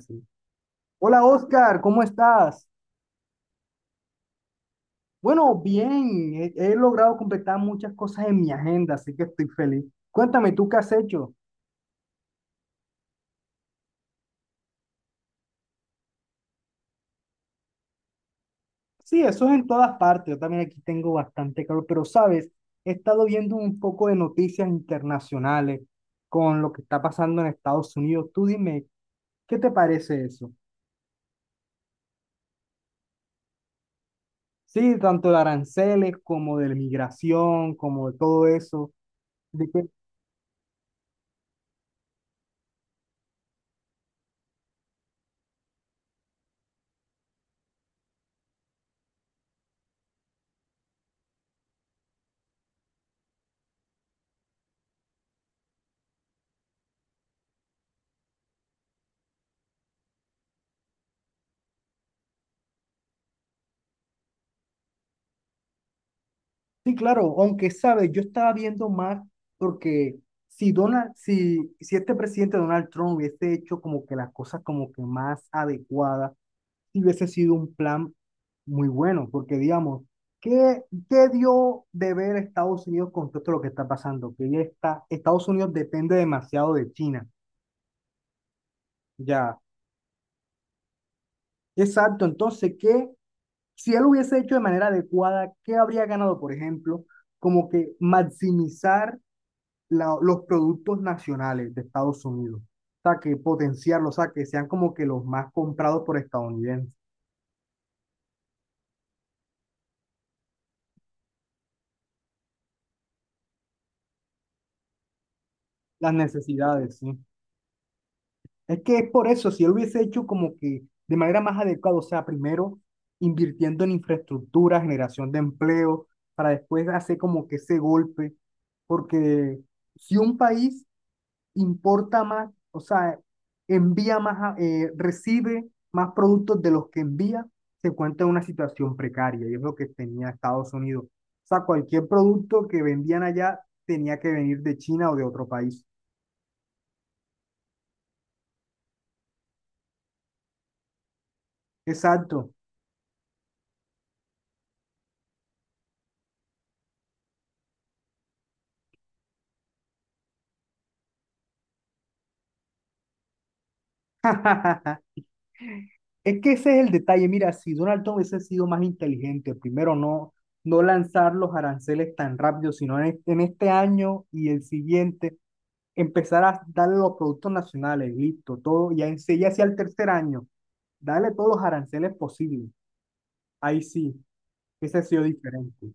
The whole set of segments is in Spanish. Sí. Hola Oscar, ¿cómo estás? Bueno, bien, he logrado completar muchas cosas en mi agenda, así que estoy feliz. Cuéntame, ¿tú qué has hecho? Sí, eso es en todas partes, yo también aquí tengo bastante calor, pero sabes, he estado viendo un poco de noticias internacionales con lo que está pasando en Estados Unidos. Tú dime, ¿qué te parece eso? Sí, tanto de aranceles como de la migración, como de todo eso. Sí, claro, aunque sabes, yo estaba viendo más porque si este presidente Donald Trump hubiese hecho como que las cosas como que más adecuadas, sí hubiese sido un plan muy bueno, porque digamos, ¿qué, ¿qué dio de ver Estados Unidos con todo esto lo que está pasando? Que ya está, Estados Unidos depende demasiado de China, ya. Exacto, entonces, ¿qué? Si él hubiese hecho de manera adecuada, ¿qué habría ganado, por ejemplo? Como que maximizar los productos nacionales de Estados Unidos. O sea, que potenciarlos, o sea, que sean como que los más comprados por estadounidenses. Las necesidades, sí. Es que es por eso, si él hubiese hecho como que de manera más adecuada, o sea, primero invirtiendo en infraestructura, generación de empleo, para después hacer como que ese golpe. Porque si un país importa más, o sea, envía más, recibe más productos de los que envía, se encuentra en una situación precaria y es lo que tenía Estados Unidos. O sea, cualquier producto que vendían allá tenía que venir de China o de otro país. Exacto. Es que ese es el detalle. Mira, si Donald Trump hubiese sido más inteligente, primero no, no lanzar los aranceles tan rápido, sino en este año y el siguiente, empezar a darle los productos nacionales, listo, todo, ya en sí, ya hacia el tercer año, darle todos los aranceles posibles. Ahí sí, ese ha sido diferente.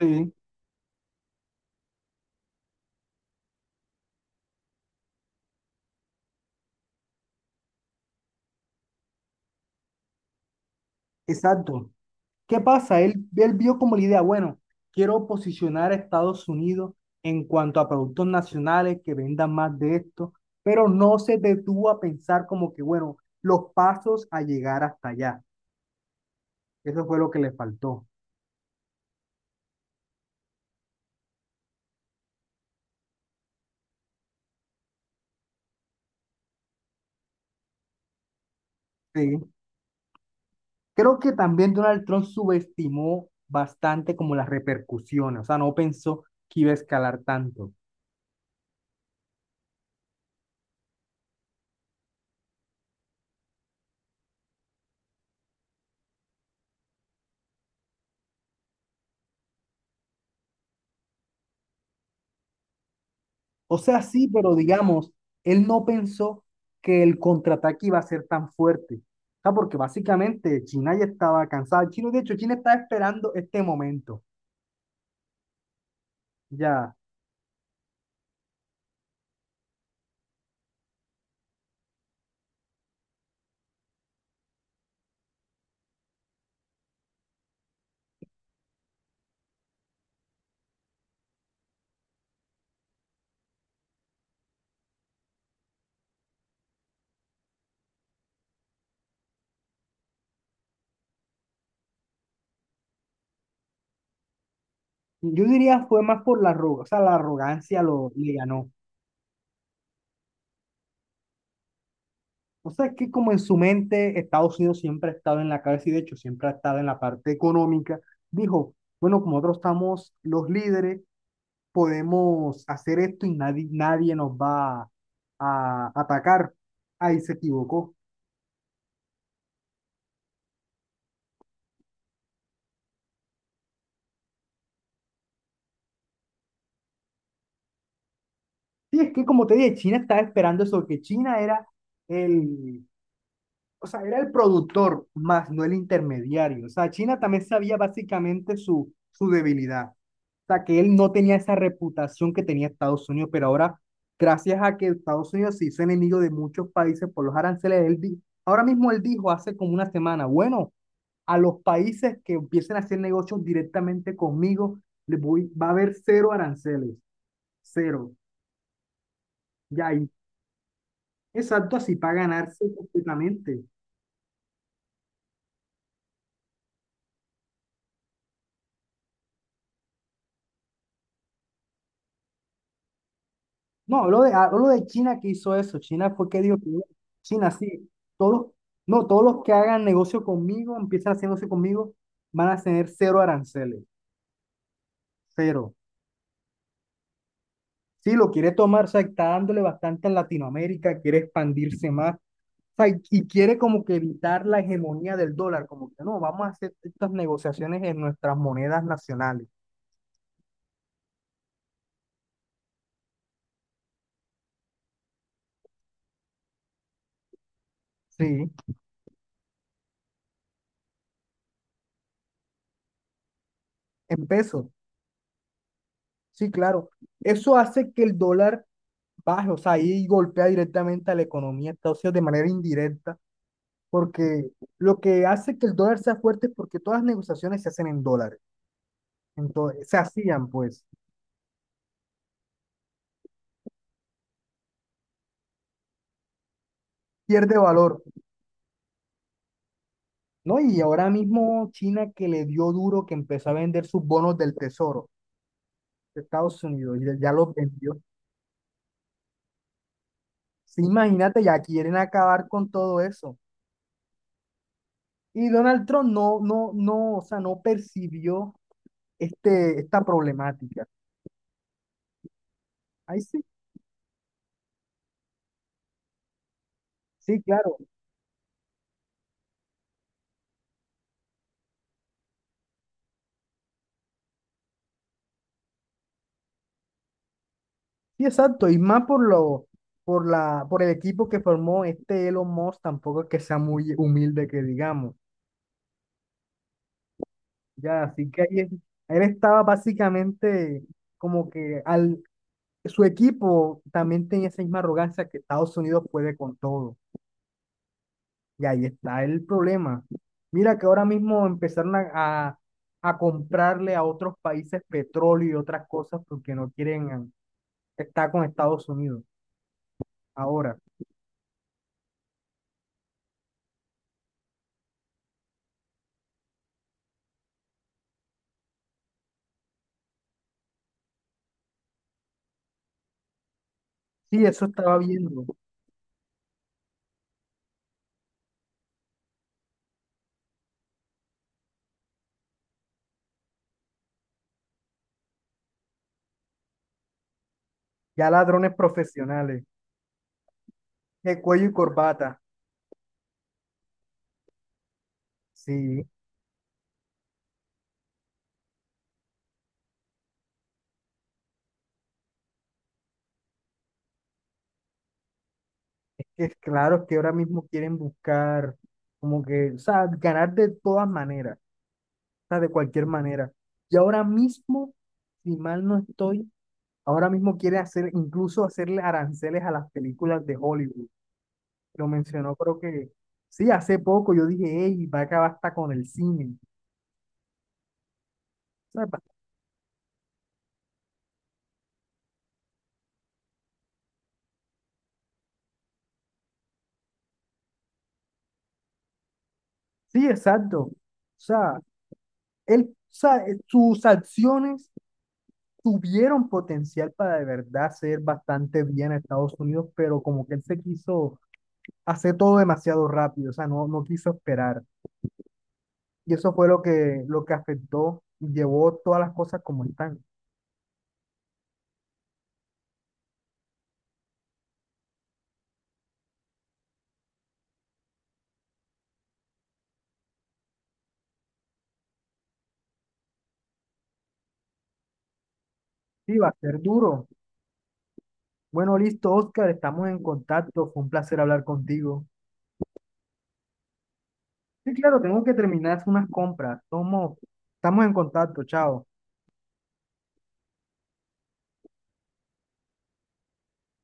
Sí, exacto. ¿Qué pasa? Él vio como la idea, bueno, quiero posicionar a Estados Unidos en cuanto a productos nacionales que vendan más de esto, pero no se detuvo a pensar como que, bueno, los pasos a llegar hasta allá. Eso fue lo que le faltó. Sí. Creo que también Donald Trump subestimó bastante como las repercusiones, o sea, no pensó que iba a escalar tanto. O sea, sí, pero digamos, él no pensó que el contraataque iba a ser tan fuerte. O sea, porque básicamente China ya estaba cansada. China, de hecho, China estaba esperando este momento. Ya, yo diría fue más por o sea, la arrogancia lo le ganó. O sea, es que como en su mente Estados Unidos siempre ha estado en la cabeza y de hecho siempre ha estado en la parte económica, dijo, bueno, como nosotros estamos los líderes, podemos hacer esto y nadie, nadie nos va a atacar. Ahí se equivocó. Sí, es que como te dije, China estaba esperando eso, que China era el, o sea, era el productor más, no el intermediario. O sea, China también sabía básicamente su debilidad. Sea, que él no tenía esa reputación que tenía Estados Unidos, pero ahora, gracias a que Estados Unidos se hizo enemigo de muchos países por los aranceles, ahora mismo él dijo hace como una semana, bueno, a los países que empiecen a hacer negocios directamente conmigo, les voy, va a haber cero aranceles, cero. Ya ahí, exacto, así para ganarse completamente. No, hablo de China que hizo eso. China fue que dijo que "Bueno, China, sí, todos, no, todos los que hagan negocio conmigo, empiezan a hacer negocio conmigo, van a tener cero aranceles, cero". Sí, lo quiere tomar, o sea, está dándole bastante en Latinoamérica, quiere expandirse más, o sea, y quiere como que evitar la hegemonía del dólar, como que no, vamos a hacer estas negociaciones en nuestras monedas nacionales, sí, en pesos, sí, claro. Eso hace que el dólar baje, o sea, ahí golpea directamente a la economía de Estados Unidos de manera indirecta, porque lo que hace que el dólar sea fuerte es porque todas las negociaciones se hacen en dólares, entonces se hacían pues, pierde valor, ¿no? Y ahora mismo China que le dio duro, que empezó a vender sus bonos del tesoro de Estados Unidos y ya los vendió. Sí, imagínate, ya quieren acabar con todo eso. Y Donald Trump no, no, no, o sea, no percibió esta problemática. Ahí sí, sí, claro. Sí, exacto, y más por por el equipo que formó este Elon Musk, tampoco es que sea muy humilde que digamos. Ya, así que ahí es- él estaba básicamente como que al, su equipo también tenía esa misma arrogancia que Estados Unidos puede con todo. Y ahí está el problema. Mira que ahora mismo empezaron a, a comprarle a otros países petróleo y otras cosas porque no quieren estar con Estados Unidos. Ahora, sí, eso estaba viendo. Ya ladrones profesionales, de cuello y corbata. Sí, es claro que ahora mismo quieren buscar como que, o sea, ganar de todas maneras, o sea, de cualquier manera. Y ahora mismo, si mal no estoy, ahora mismo quiere hacer, incluso hacerle aranceles a las películas de Hollywood. Lo mencionó, creo que, sí, hace poco yo dije, hey, va a acabar hasta con el cine. O sea, pa- sí, exacto. O sea, él, o sea, sus acciones tuvieron potencial para de verdad ser bastante bien a Estados Unidos, pero como que él se quiso hacer todo demasiado rápido, o sea, no, no quiso esperar. Y eso fue lo que afectó, llevó todas las cosas como están. Sí, va a ser duro. Bueno, listo, Oscar, estamos en contacto, fue un placer hablar contigo. Sí, claro, tengo que terminar unas compras. Somos, estamos en contacto, chao.